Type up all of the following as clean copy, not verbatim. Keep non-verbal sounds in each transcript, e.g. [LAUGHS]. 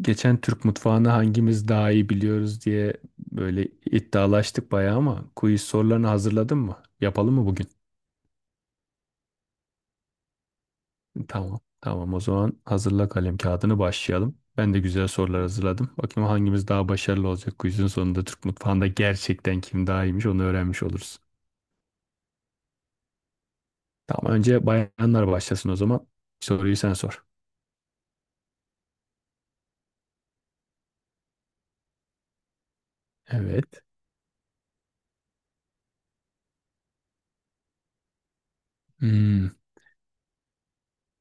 Geçen Türk mutfağını hangimiz daha iyi biliyoruz diye böyle iddialaştık bayağı ama quiz sorularını hazırladın mı? Yapalım mı bugün? Tamam. Tamam, o zaman hazırla kalem kağıdını, başlayalım. Ben de güzel sorular hazırladım. Bakayım hangimiz daha başarılı olacak quizin sonunda. Türk mutfağında gerçekten kim daha iyiymiş onu öğrenmiş oluruz. Tamam, önce bayanlar başlasın o zaman. Soruyu sen sor. Evet. Hmm.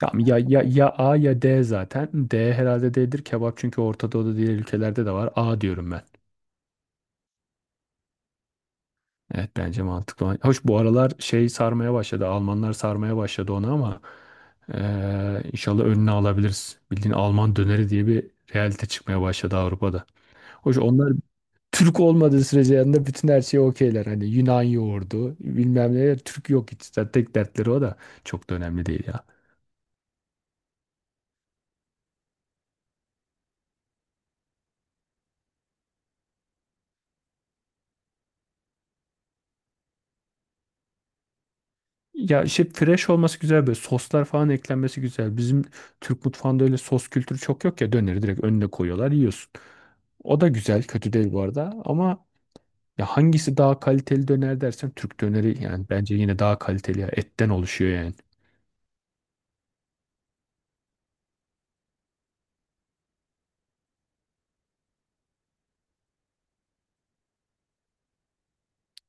Tamam, ya A ya D zaten. D herhalde, D'dir. Kebap çünkü Orta Doğu'da, diğer ülkelerde de var. A diyorum ben. Evet, bence mantıklı olan. Hoş, bu aralar şey sarmaya başladı. Almanlar sarmaya başladı onu, ama inşallah önüne alabiliriz. Bildiğin Alman döneri diye bir realite çıkmaya başladı Avrupa'da. Hoş, onlar Türk olmadığı sürece yanında bütün her şeyi okeyler. Hani Yunan yoğurdu bilmem ne, Türk yok hiç. Zaten tek dertleri o, da çok da önemli değil ya. Ya işte fresh olması güzel, böyle soslar falan eklenmesi güzel. Bizim Türk mutfağında öyle sos kültürü çok yok ya, döneri direkt önüne koyuyorlar, yiyorsun. O da güzel, kötü değil bu arada, ama ya hangisi daha kaliteli döner dersen, Türk döneri yani, bence yine daha kaliteli, ya etten oluşuyor yani.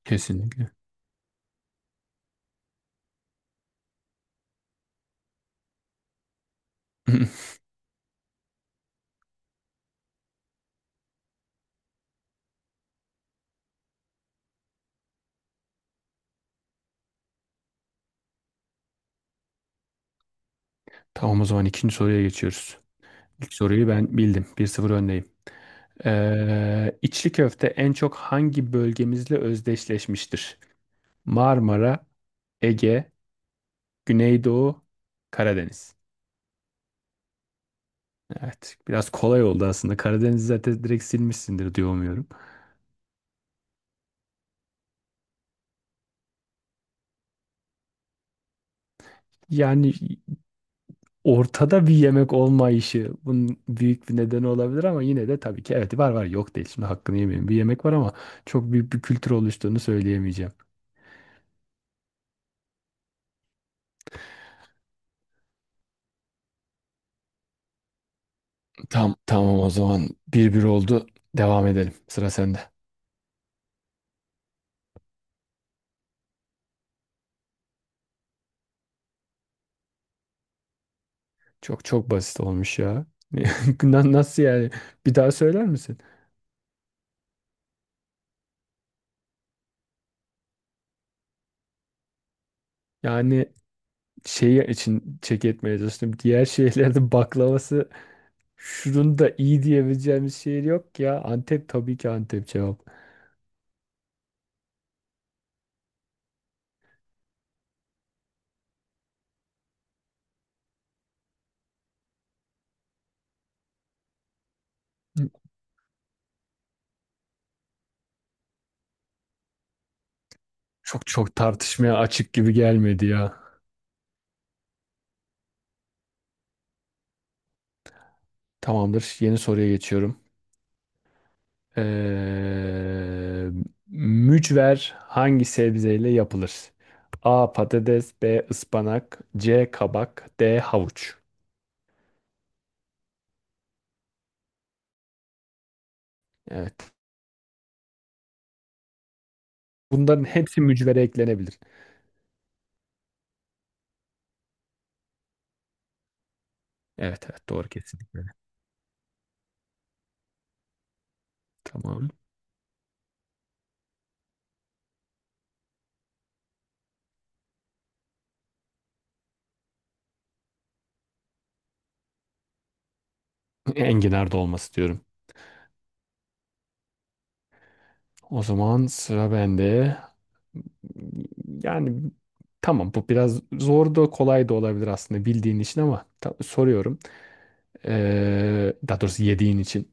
Kesinlikle. [LAUGHS] Tamam, o zaman ikinci soruya geçiyoruz. İlk soruyu ben bildim, bir 0 öndeyim. İçli köfte en çok hangi bölgemizle özdeşleşmiştir? Marmara, Ege, Güneydoğu, Karadeniz. Evet, biraz kolay oldu aslında. Karadeniz zaten direkt silmişsindir diye umuyorum. Yani ortada bir yemek olmayışı bunun büyük bir nedeni olabilir, ama yine de tabii ki evet, var, var, yok değil. Şimdi hakkını yemeyeyim. Bir yemek var ama çok büyük bir kültür oluştuğunu söyleyemeyeceğim. Tamam, o zaman 1-1 oldu. Devam edelim. Sıra sende. Çok çok basit olmuş ya. [LAUGHS] Nasıl yani? Bir daha söyler misin? Yani şey için çek etmeye çalıştım. Diğer şehirlerde baklavası, şunun da iyi diyebileceğimiz şehir yok ya. Antep, tabii ki Antep cevap. Çok çok tartışmaya açık gibi gelmedi ya. Tamamdır, yeni soruya geçiyorum. Ee, Mücver hangi sebzeyle yapılır? A. Patates, B. Ispanak, C. Kabak, D. Havuç. Evet. Bunların hepsi mücvere eklenebilir. Evet, evet, doğru, kesinlikle. Tamam. Enginar dolması diyorum. O zaman sıra bende. Yani tamam, bu biraz zor da kolay da olabilir aslında, bildiğin için, ama soruyorum. Daha doğrusu yediğin için.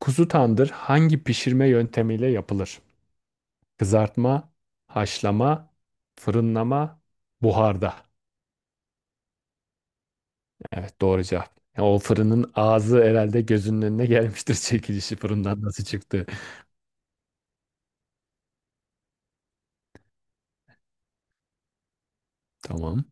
Kuzu tandır hangi pişirme yöntemiyle yapılır? Kızartma, haşlama, fırınlama, buharda. Evet, doğru cevap. Ya o fırının ağzı herhalde gözünün önüne gelmiştir [LAUGHS] çekilişi, fırından nasıl çıktı. Tamam.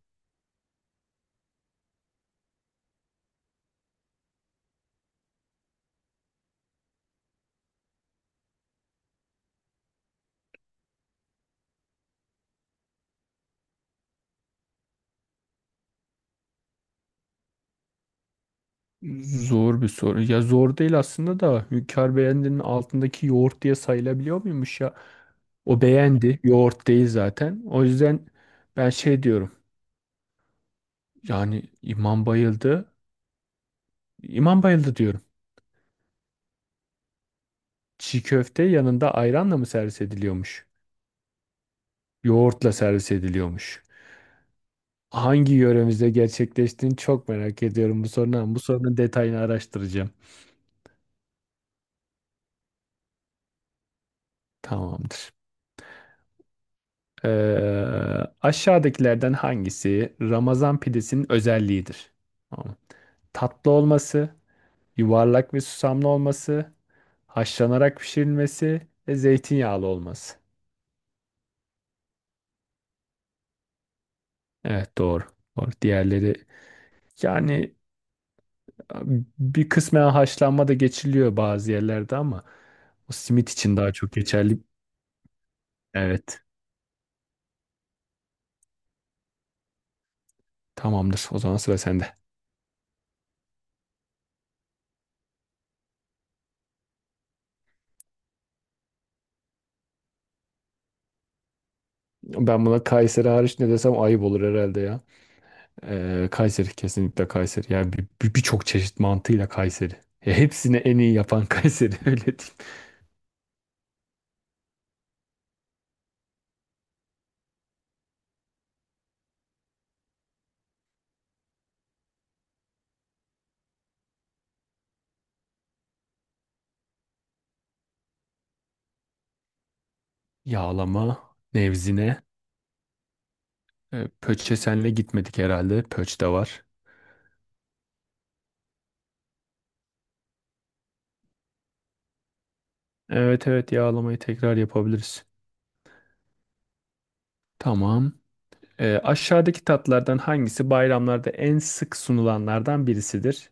Zor bir soru. Ya zor değil aslında da, Hünkar beğendinin altındaki yoğurt diye sayılabiliyor muymuş ya? O beğendi, yoğurt değil zaten. O yüzden ben şey diyorum, yani imam bayıldı. İmam bayıldı diyorum. Çiğ köfte yanında ayranla mı servis ediliyormuş? Yoğurtla servis ediliyormuş. Hangi yöremizde gerçekleştiğini çok merak ediyorum bu sorunun. Bu sorunun detayını araştıracağım. Tamamdır. Ee, Aşağıdakilerden hangisi Ramazan pidesinin özelliğidir? Tamam. Tatlı olması, yuvarlak ve susamlı olması, haşlanarak pişirilmesi ve zeytinyağlı olması. Evet, doğru. Doğru. Diğerleri yani, bir kısmen haşlanma da geçiliyor bazı yerlerde, ama o simit için daha çok geçerli. Evet. Tamamdır, o zaman sıra sende. Ben buna Kayseri hariç ne desem ayıp olur herhalde ya. Kayseri, kesinlikle Kayseri. Yani birçok çeşit mantığıyla Kayseri. Ya hepsini en iyi yapan [LAUGHS] Kayseri, öyle diyeyim. Yağlama, nevzine, pöçe, senle gitmedik herhalde. Pöç de var. Evet, evet, yağlamayı tekrar yapabiliriz. Tamam. Aşağıdaki tatlardan hangisi bayramlarda en sık sunulanlardan birisidir?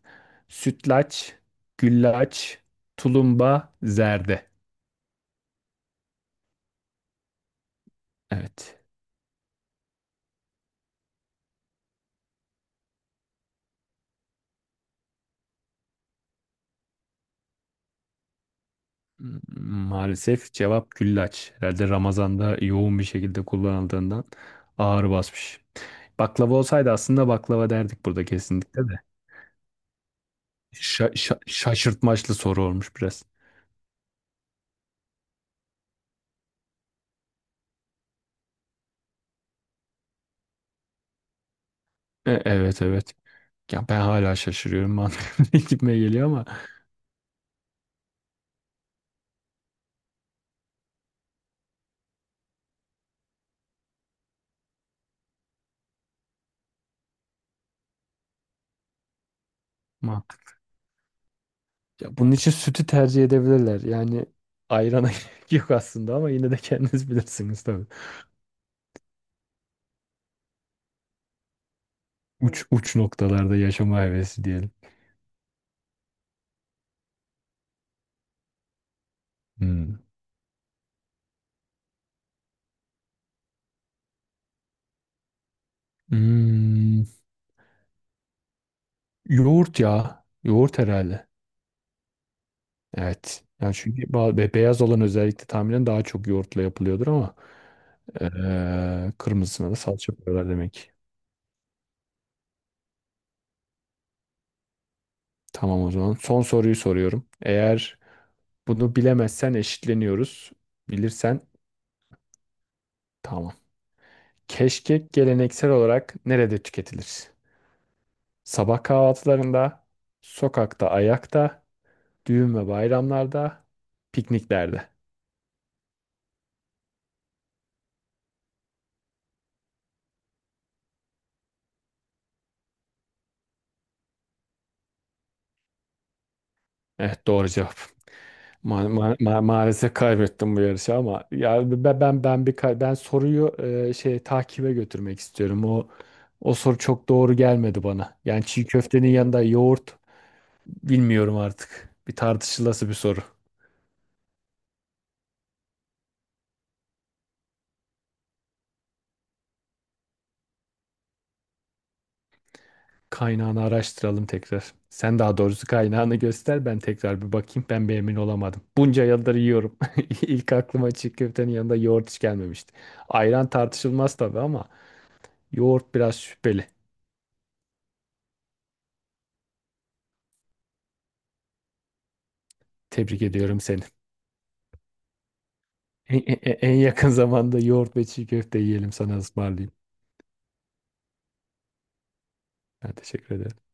Sütlaç, güllaç, tulumba, zerde. Evet. Maalesef cevap güllaç. Herhalde Ramazan'da yoğun bir şekilde kullanıldığından ağır basmış. Baklava olsaydı aslında baklava derdik burada kesinlikle de. Şaşırtmaçlı soru olmuş biraz. Evet, evet. Ya ben hala şaşırıyorum, mantıklı [LAUGHS] gitmeye geliyor ama mantıklı. Ya bunun için sütü tercih edebilirler. Yani ayrana [LAUGHS] gerek yok aslında, ama yine de kendiniz bilirsiniz tabii. Uç uç noktalarda yaşama hevesi diyelim. Hmm. Hmm, Yoğurt ya. Yoğurt herhalde. Evet. Yani çünkü beyaz olan özellikle tahminen daha çok yoğurtla yapılıyordur ama kırmızısına da salça koyuyorlar demek. Tamam, o zaman son soruyu soruyorum. Eğer bunu bilemezsen eşitleniyoruz. Bilirsen, tamam. Keşkek geleneksel olarak nerede tüketilir? Sabah kahvaltılarında, sokakta, ayakta, düğün ve bayramlarda, pikniklerde. Evet, doğru cevap. Maalesef kaybettim bu yarışı, ama ya ben soruyu şey takibe götürmek istiyorum. O o soru çok doğru gelmedi bana. Yani çiğ köftenin yanında yoğurt, bilmiyorum artık. Bir tartışılası bir soru. Kaynağını araştıralım tekrar. Sen, daha doğrusu, kaynağını göster, ben tekrar bir bakayım. Ben bir emin olamadım. Bunca yıldır yiyorum. [LAUGHS] İlk aklıma çiğ köftenin yanında yoğurt hiç gelmemişti. Ayran tartışılmaz tabii ama yoğurt biraz şüpheli. Tebrik ediyorum seni. En yakın zamanda yoğurt ve çiğ köfte yiyelim, sana ısmarlayayım. Ben teşekkür ederim.